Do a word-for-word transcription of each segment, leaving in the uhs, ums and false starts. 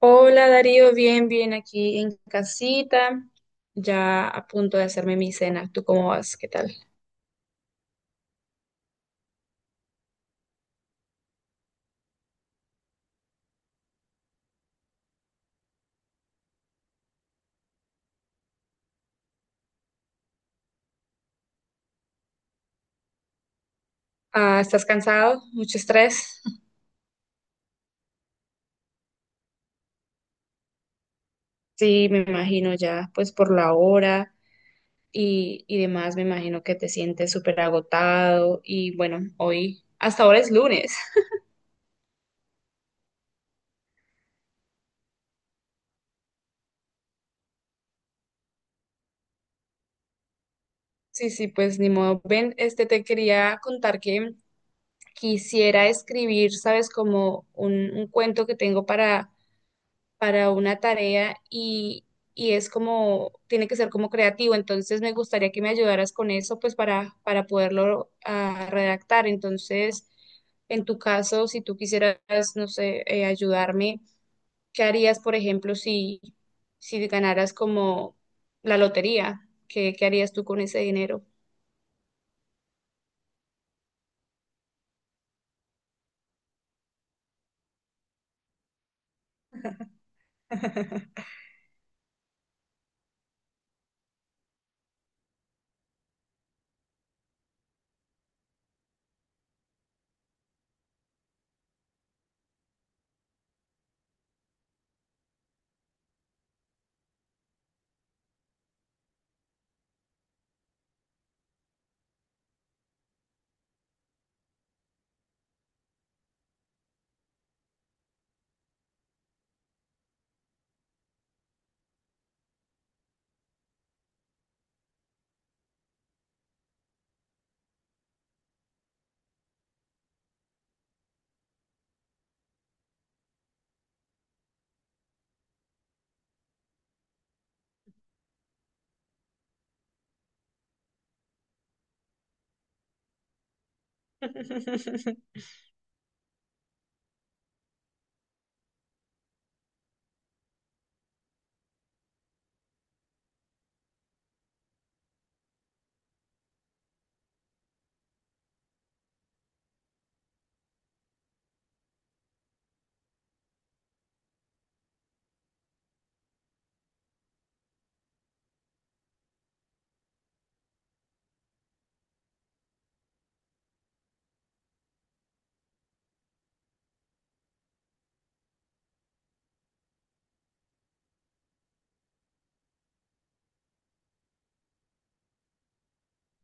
Hola Darío, bien, bien aquí en casita, ya a punto de hacerme mi cena. ¿Tú cómo vas? ¿Qué tal? Ah, ¿estás cansado? ¿Mucho estrés? Sí, me imagino ya, pues por la hora y, y demás, me imagino que te sientes súper agotado y bueno, hoy, hasta ahora es lunes. Sí, sí, pues ni modo. Ven, este te quería contar que quisiera escribir, sabes, como un, un cuento que tengo para para una tarea y, y es como, tiene que ser como creativo. Entonces me gustaría que me ayudaras con eso, pues para, para poderlo ah, redactar. Entonces, en tu caso, si tú quisieras, no sé, eh, ayudarme, ¿qué harías, por ejemplo, si, si ganaras como la lotería? ¿Qué, qué harías tú con ese dinero?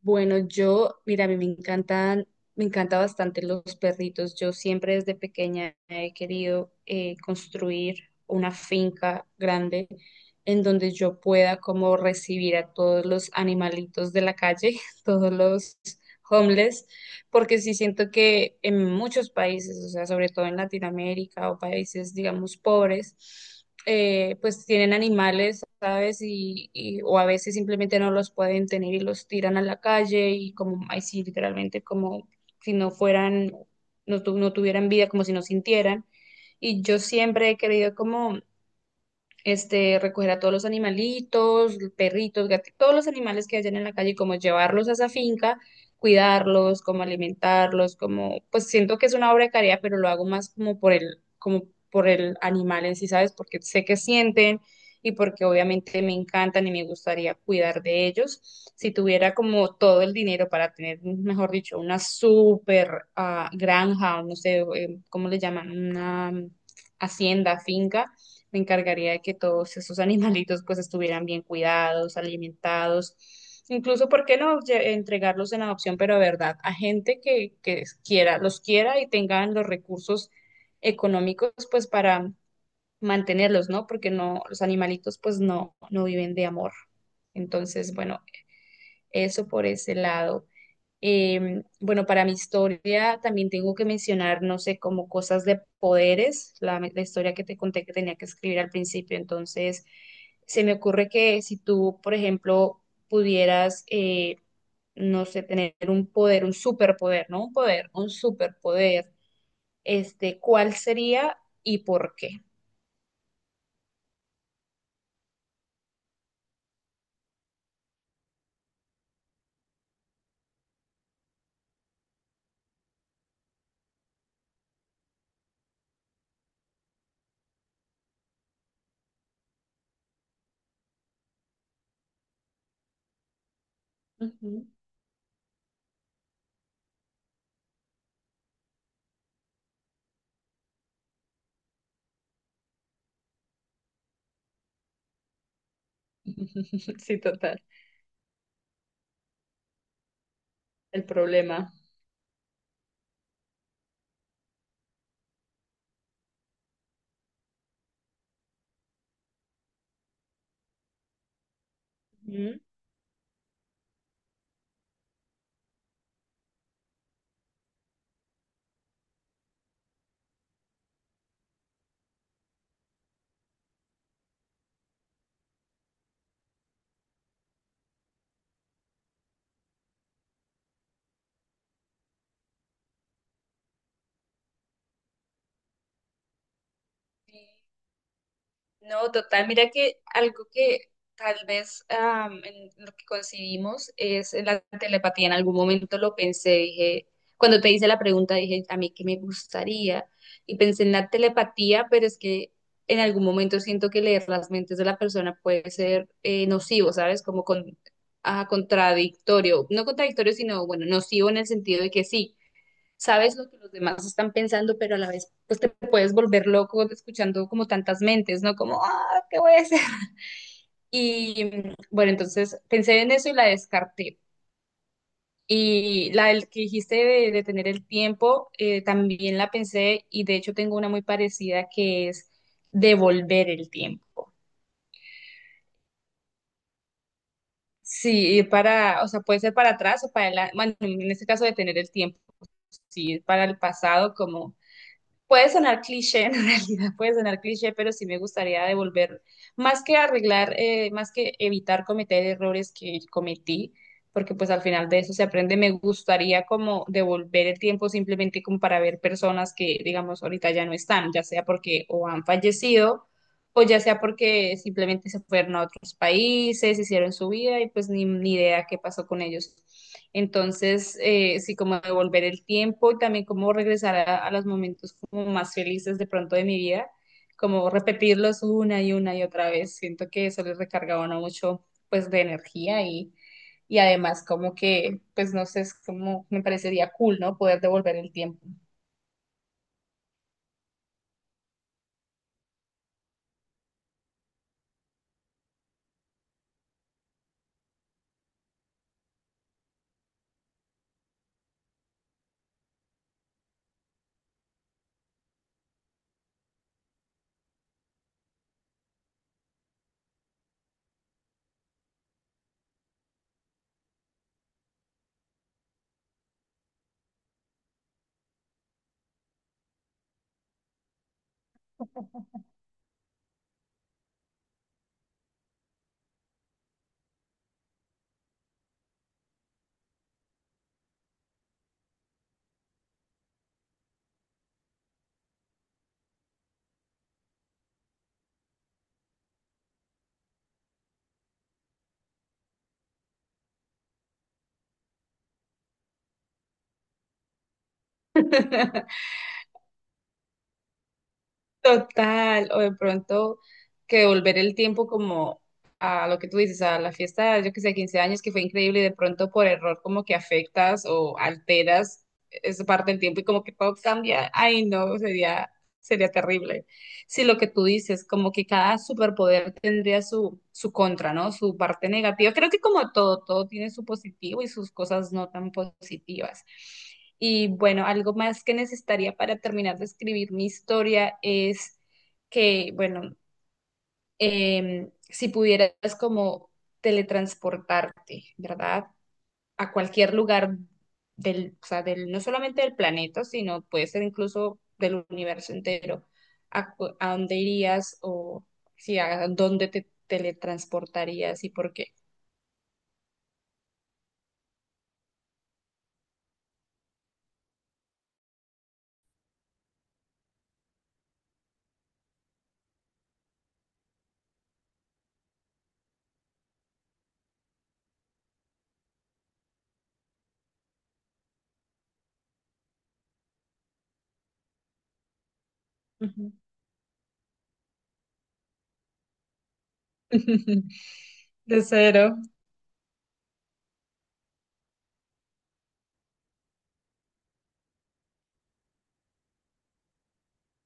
Bueno, yo, mira, a mí me encantan, me encanta bastante los perritos. Yo siempre desde pequeña he querido eh, construir una finca grande en donde yo pueda como recibir a todos los animalitos de la calle, todos los homeless, porque sí siento que en muchos países, o sea, sobre todo en Latinoamérica o países, digamos, pobres, eh, pues tienen animales, ¿sabes? Y, y- o a veces simplemente no los pueden tener y los tiran a la calle y como, ay, sí, literalmente como si no fueran, no, tu- no tuvieran vida, como si no sintieran. Y yo siempre he querido como este, recoger a todos los animalitos, perritos, gatitos, todos los animales que hayan en la calle, como llevarlos a esa finca, cuidarlos, como alimentarlos, como, pues siento que es una obra de caridad, pero lo hago más como por el, como por el animal en sí, ¿sabes? Porque sé que sienten y porque obviamente me encantan y me gustaría cuidar de ellos. Si tuviera como todo el dinero para tener, mejor dicho, una super ah, granja, o no sé, eh, ¿cómo le llaman? Una hacienda, finca, me encargaría de que todos esos animalitos pues estuvieran bien cuidados, alimentados, incluso, ¿por qué no lle- entregarlos en adopción, pero de verdad, a gente que, que quiera, los quiera y tengan los recursos económicos pues para mantenerlos, ¿no? Porque no, los animalitos pues no, no viven de amor. Entonces, bueno, eso por ese lado. Eh, bueno, para mi historia también tengo que mencionar, no sé, como cosas de poderes, la, la historia que te conté que tenía que escribir al principio. Entonces, se me ocurre que si tú, por ejemplo, pudieras, eh, no sé, tener un poder, un superpoder, no un poder, un superpoder, este, ¿cuál sería y por qué? Ujú. Sí, total. El problema. Ujú. No, total, mira que algo que tal vez am, en lo que concibimos es la telepatía. En algún momento lo pensé, dije, cuando te hice la pregunta, dije, a mí qué me gustaría. Y pensé en la telepatía, pero es que en algún momento siento que leer las mentes de la persona puede ser eh, nocivo, ¿sabes? Como con, ah, contradictorio, no contradictorio, sino, bueno, nocivo en el sentido de que sí sabes lo que los demás están pensando, pero a la vez pues te puedes volver loco escuchando como tantas mentes, ¿no? Como, ah, ¿qué voy a hacer? Y bueno, entonces pensé en eso y la descarté. Y la del que dijiste de, de tener el tiempo, eh, también la pensé y de hecho tengo una muy parecida que es devolver el tiempo. Sí, ir para, o sea, puede ser para atrás o para adelante, bueno, en este caso de tener el tiempo, sí, para el pasado como puede sonar cliché, en realidad puede sonar cliché, pero sí me gustaría devolver, más que arreglar, eh, más que evitar cometer errores que cometí, porque pues al final de eso se aprende, me gustaría como devolver el tiempo simplemente como para ver personas que, digamos, ahorita ya no están, ya sea porque o han fallecido o ya sea porque simplemente se fueron a otros países, hicieron su vida y pues ni, ni idea qué pasó con ellos. Entonces, eh, sí, como devolver el tiempo y también como regresar a, a los momentos como más felices de pronto de mi vida, como repetirlos una y una y otra vez. Siento que eso les recargaba a uno mucho pues de energía y, y además como que, pues no sé, es como me parecería cool, ¿no? Poder devolver el tiempo. Total, o de pronto que devolver el tiempo como a lo que tú dices, a la fiesta, yo que sé, quince años que fue increíble y de pronto por error como que afectas o alteras esa parte del tiempo y como que todo cambia. Ay, no, sería, sería terrible. Si lo que tú dices, como que cada superpoder tendría su, su contra, ¿no? Su parte negativa. Creo que como todo, todo tiene su positivo y sus cosas no tan positivas. Y bueno, algo más que necesitaría para terminar de escribir mi historia es que, bueno, em, si pudieras como teletransportarte, ¿verdad? A cualquier lugar del, o sea, del, no solamente del planeta, sino puede ser incluso del universo entero, ¿a, cu- a dónde irías o si a dónde te teletransportarías y por qué? Ujú. De cero.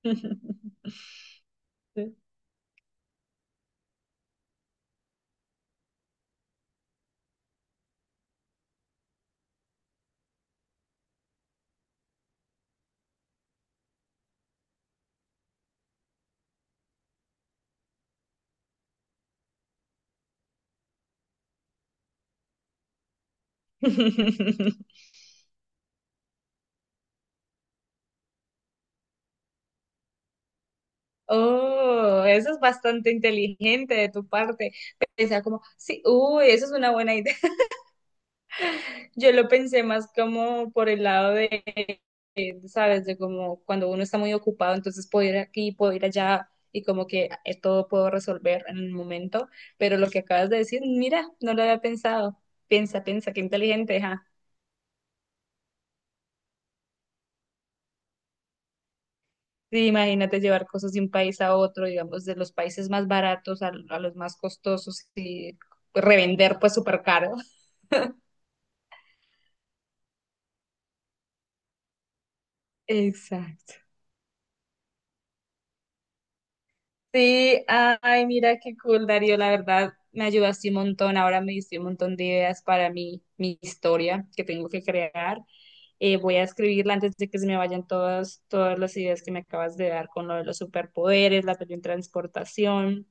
Sí. Oh, eso es bastante inteligente de tu parte. Pensar como, sí, uy, eso es una buena idea. Yo lo pensé más como por el lado de, eh, ¿sabes? De como cuando uno está muy ocupado, entonces puedo ir aquí, puedo ir allá y como que eh, todo puedo resolver en el momento. Pero lo que acabas de decir, mira, no lo había pensado. Piensa, piensa, qué inteligente, ja. Sí, imagínate llevar cosas de un país a otro, digamos, de los países más baratos a, a los más costosos y revender pues súper caro. Exacto. Sí, ay, mira qué cool, Darío, la verdad me ayudaste un montón, ahora me diste un montón de ideas para mi, mi historia que tengo que crear. Eh, voy a escribirla antes de que se me vayan todas, todas las ideas que me acabas de dar con lo de los superpoderes, la teletransportación,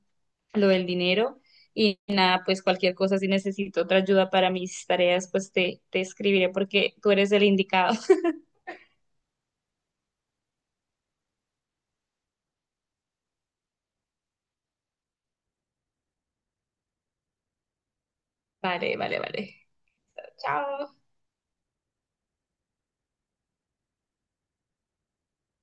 lo del dinero y nada, pues cualquier cosa, si necesito otra ayuda para mis tareas, pues te, te escribiré porque tú eres el indicado. Vale, vale, vale. Chao.